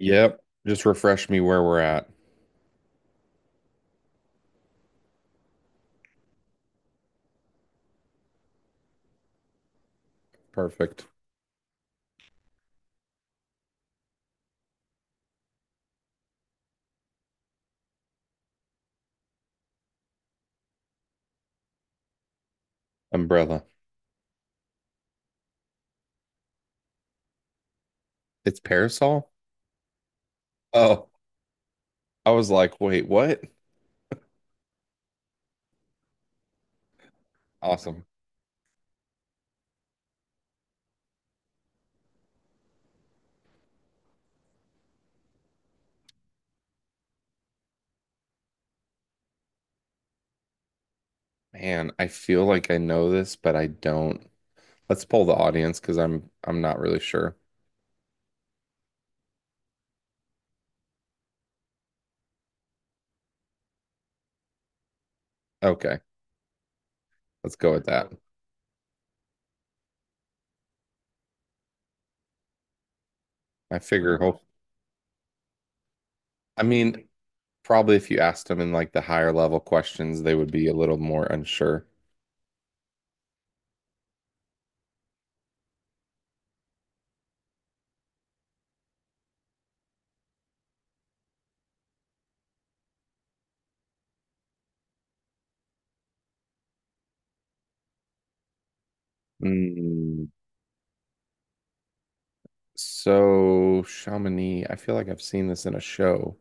Yep. Just refresh me where we're at. Perfect. Umbrella. It's parasol? Oh, I was like, wait, what? Awesome. Man, I feel like I know this, but I don't. Let's pull the audience because I'm not really sure. Okay, let's go with that. I figure hope. I mean, probably if you asked them in like the higher level questions, they would be a little more unsure. Mm, so Chamonix, I feel like I've seen this in a show,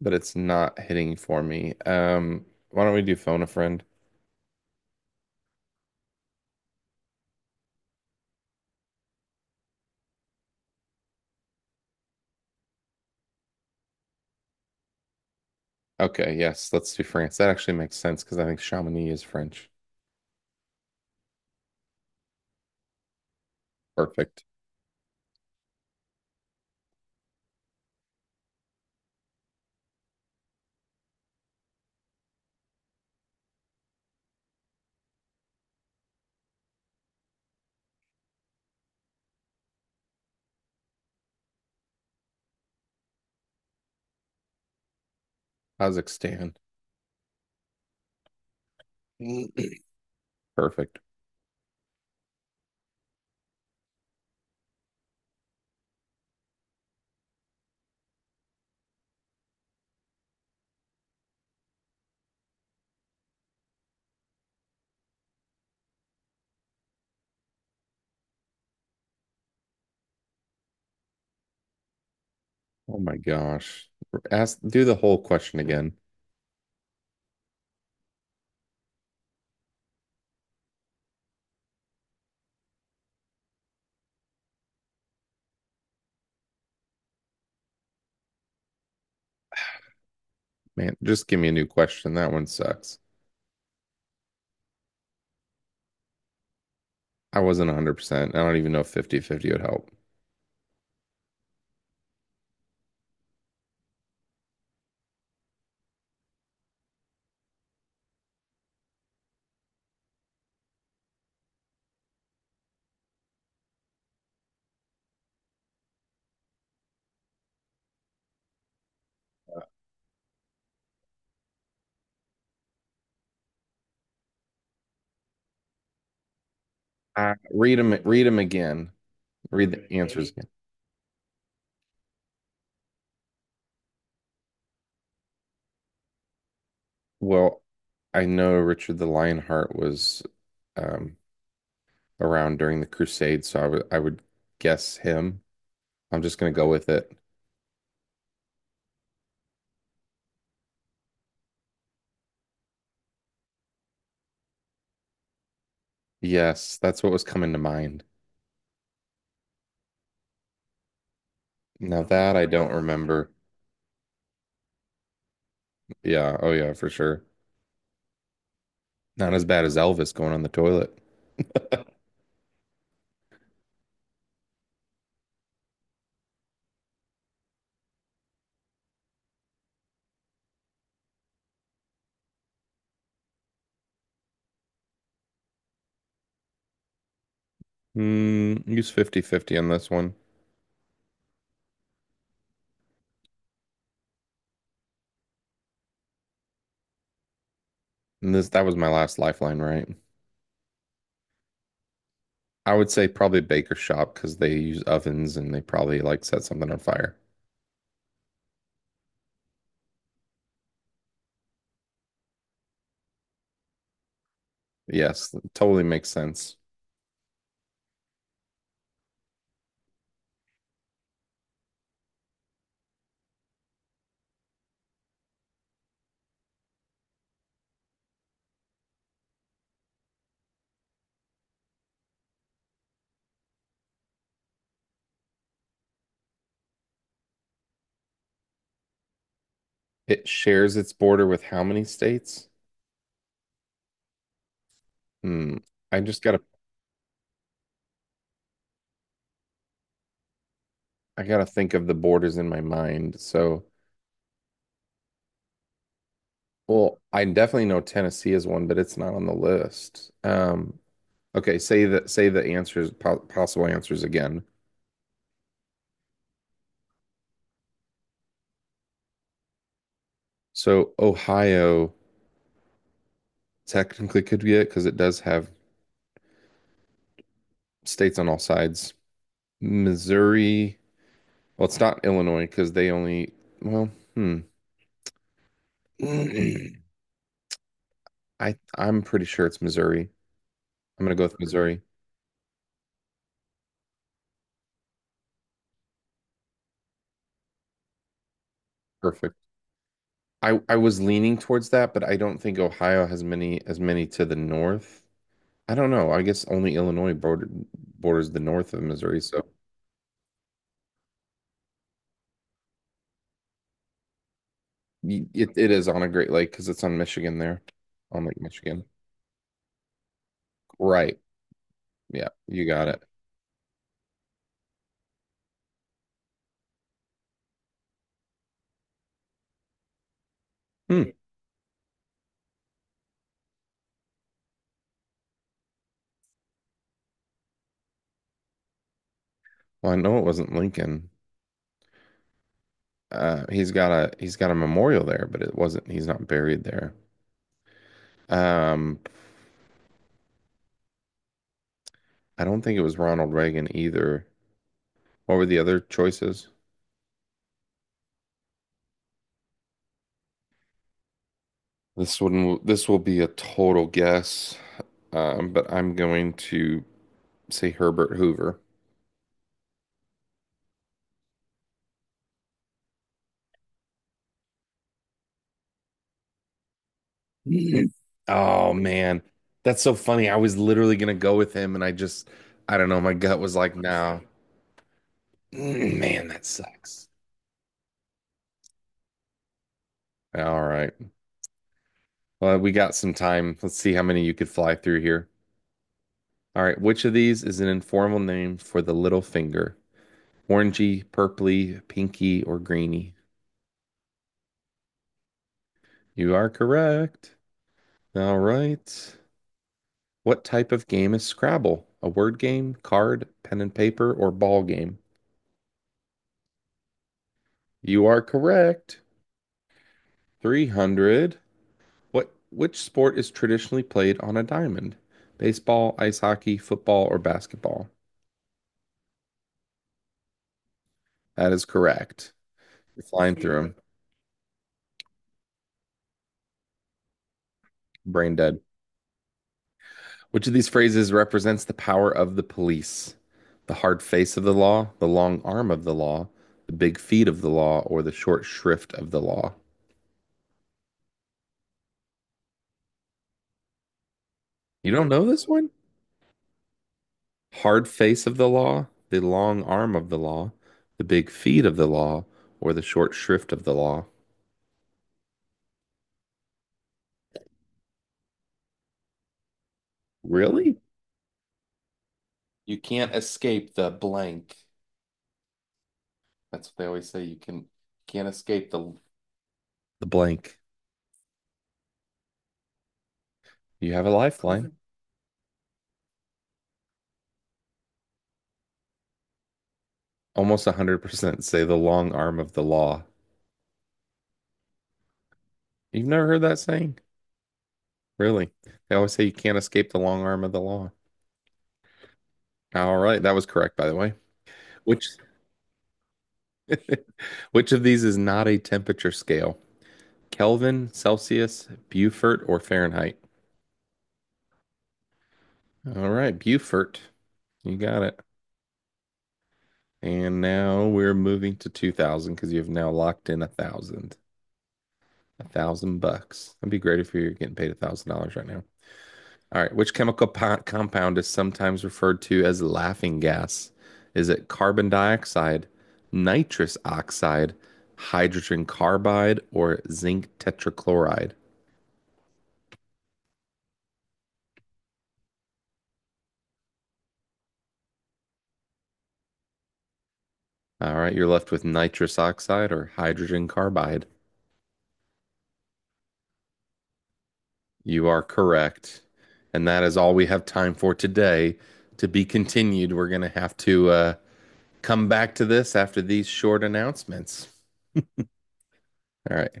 but it's not hitting for me. Why don't we do phone a friend? Okay, yes, let's do France. That actually makes sense because I think Chamonix is French. Perfect. Kazakhstan. Perfect. Oh my gosh. Ask, do the whole question again. Man, just give me a new question. That one sucks. I wasn't 100%. I don't even know if 50 fifty would help. Read them again. Read the answers again. Well, I know Richard the Lionheart was um, around during the Crusades, so I would guess him. I'm just gonna go with it. Yes, that's what was coming to mind. Now that I don't remember. Yeah, oh yeah, for sure. Not as bad as Elvis going on the toilet. Use fifty fifty on this one. And this that was my last lifeline, right? I would say probably baker shop because they use ovens and they probably like set something on fire. Yes, that totally makes sense. It shares its border with how many states? Hmm. I just gotta I gotta think of the borders in my mind. So, well, I definitely know Tennessee is one, but it's not on the list. Okay, say the answers po possible answers again. So Ohio technically could be it because it does have states on all sides. Missouri, well, it's not Illinois because they only, well, hmm. I'm pretty sure it's Missouri. I'm gonna go with Missouri. Perfect. I was leaning towards that, but I don't think Ohio has many as many to the north. I don't know. I guess only Illinois borders the north of Missouri, so it is on a Great Lake because it's on Michigan there, on Lake Michigan. Right. Yeah, you got it. Hmm. Well, I know it wasn't Lincoln. He's got a memorial there, but it wasn't. He's not buried there. Um, I don't think it was Ronald Reagan either. What were the other choices? This one, this will be a total guess, but I'm going to say Herbert Hoover. Mm. Oh man, that's so funny. I was literally gonna go with him, and I just, I don't know. My gut was like, no. Man, that sucks. All right. Well, we got some time. Let's see how many you could fly through here. All right. Which of these is an informal name for the little finger? Orangey, purpley, pinky, or greeny? You are correct. All right. What type of game is Scrabble? A word game, card, pen and paper, or ball game? You are correct. 300. What which sport is traditionally played on a diamond? Baseball, ice hockey, football, or basketball? That is correct. You're flying through them. Brain dead. Which of these phrases represents the power of the police? The hard face of the law, the long arm of the law, the big feet of the law, or the short shrift of the law? You don't know this one? Hard face of the law, the long arm of the law, the big feet of the law, or the short shrift of the law? Really? You can't escape the blank. That's what they always say. You can't escape the. The blank. You have a lifeline. Almost 100% say the long arm of the law. You've never heard that saying? Really? They always say you can't escape the long arm of the law. All right, that was correct, by the way. Which which of these is not a temperature scale? Kelvin, Celsius, Beaufort, or Fahrenheit? All right, Beaufort. You got it. And now we're moving to 2000 because you've now locked in a thousand. 1,000 bucks. That'd be great if you're getting paid $1,000 right now. All right. Which chemical compound is sometimes referred to as laughing gas? Is it carbon dioxide, nitrous oxide, hydrogen carbide, or zinc tetrachloride? All right. You're left with nitrous oxide or hydrogen carbide. You are correct. And that is all we have time for today. To be continued, we're going to have to come back to this after these short announcements. All right.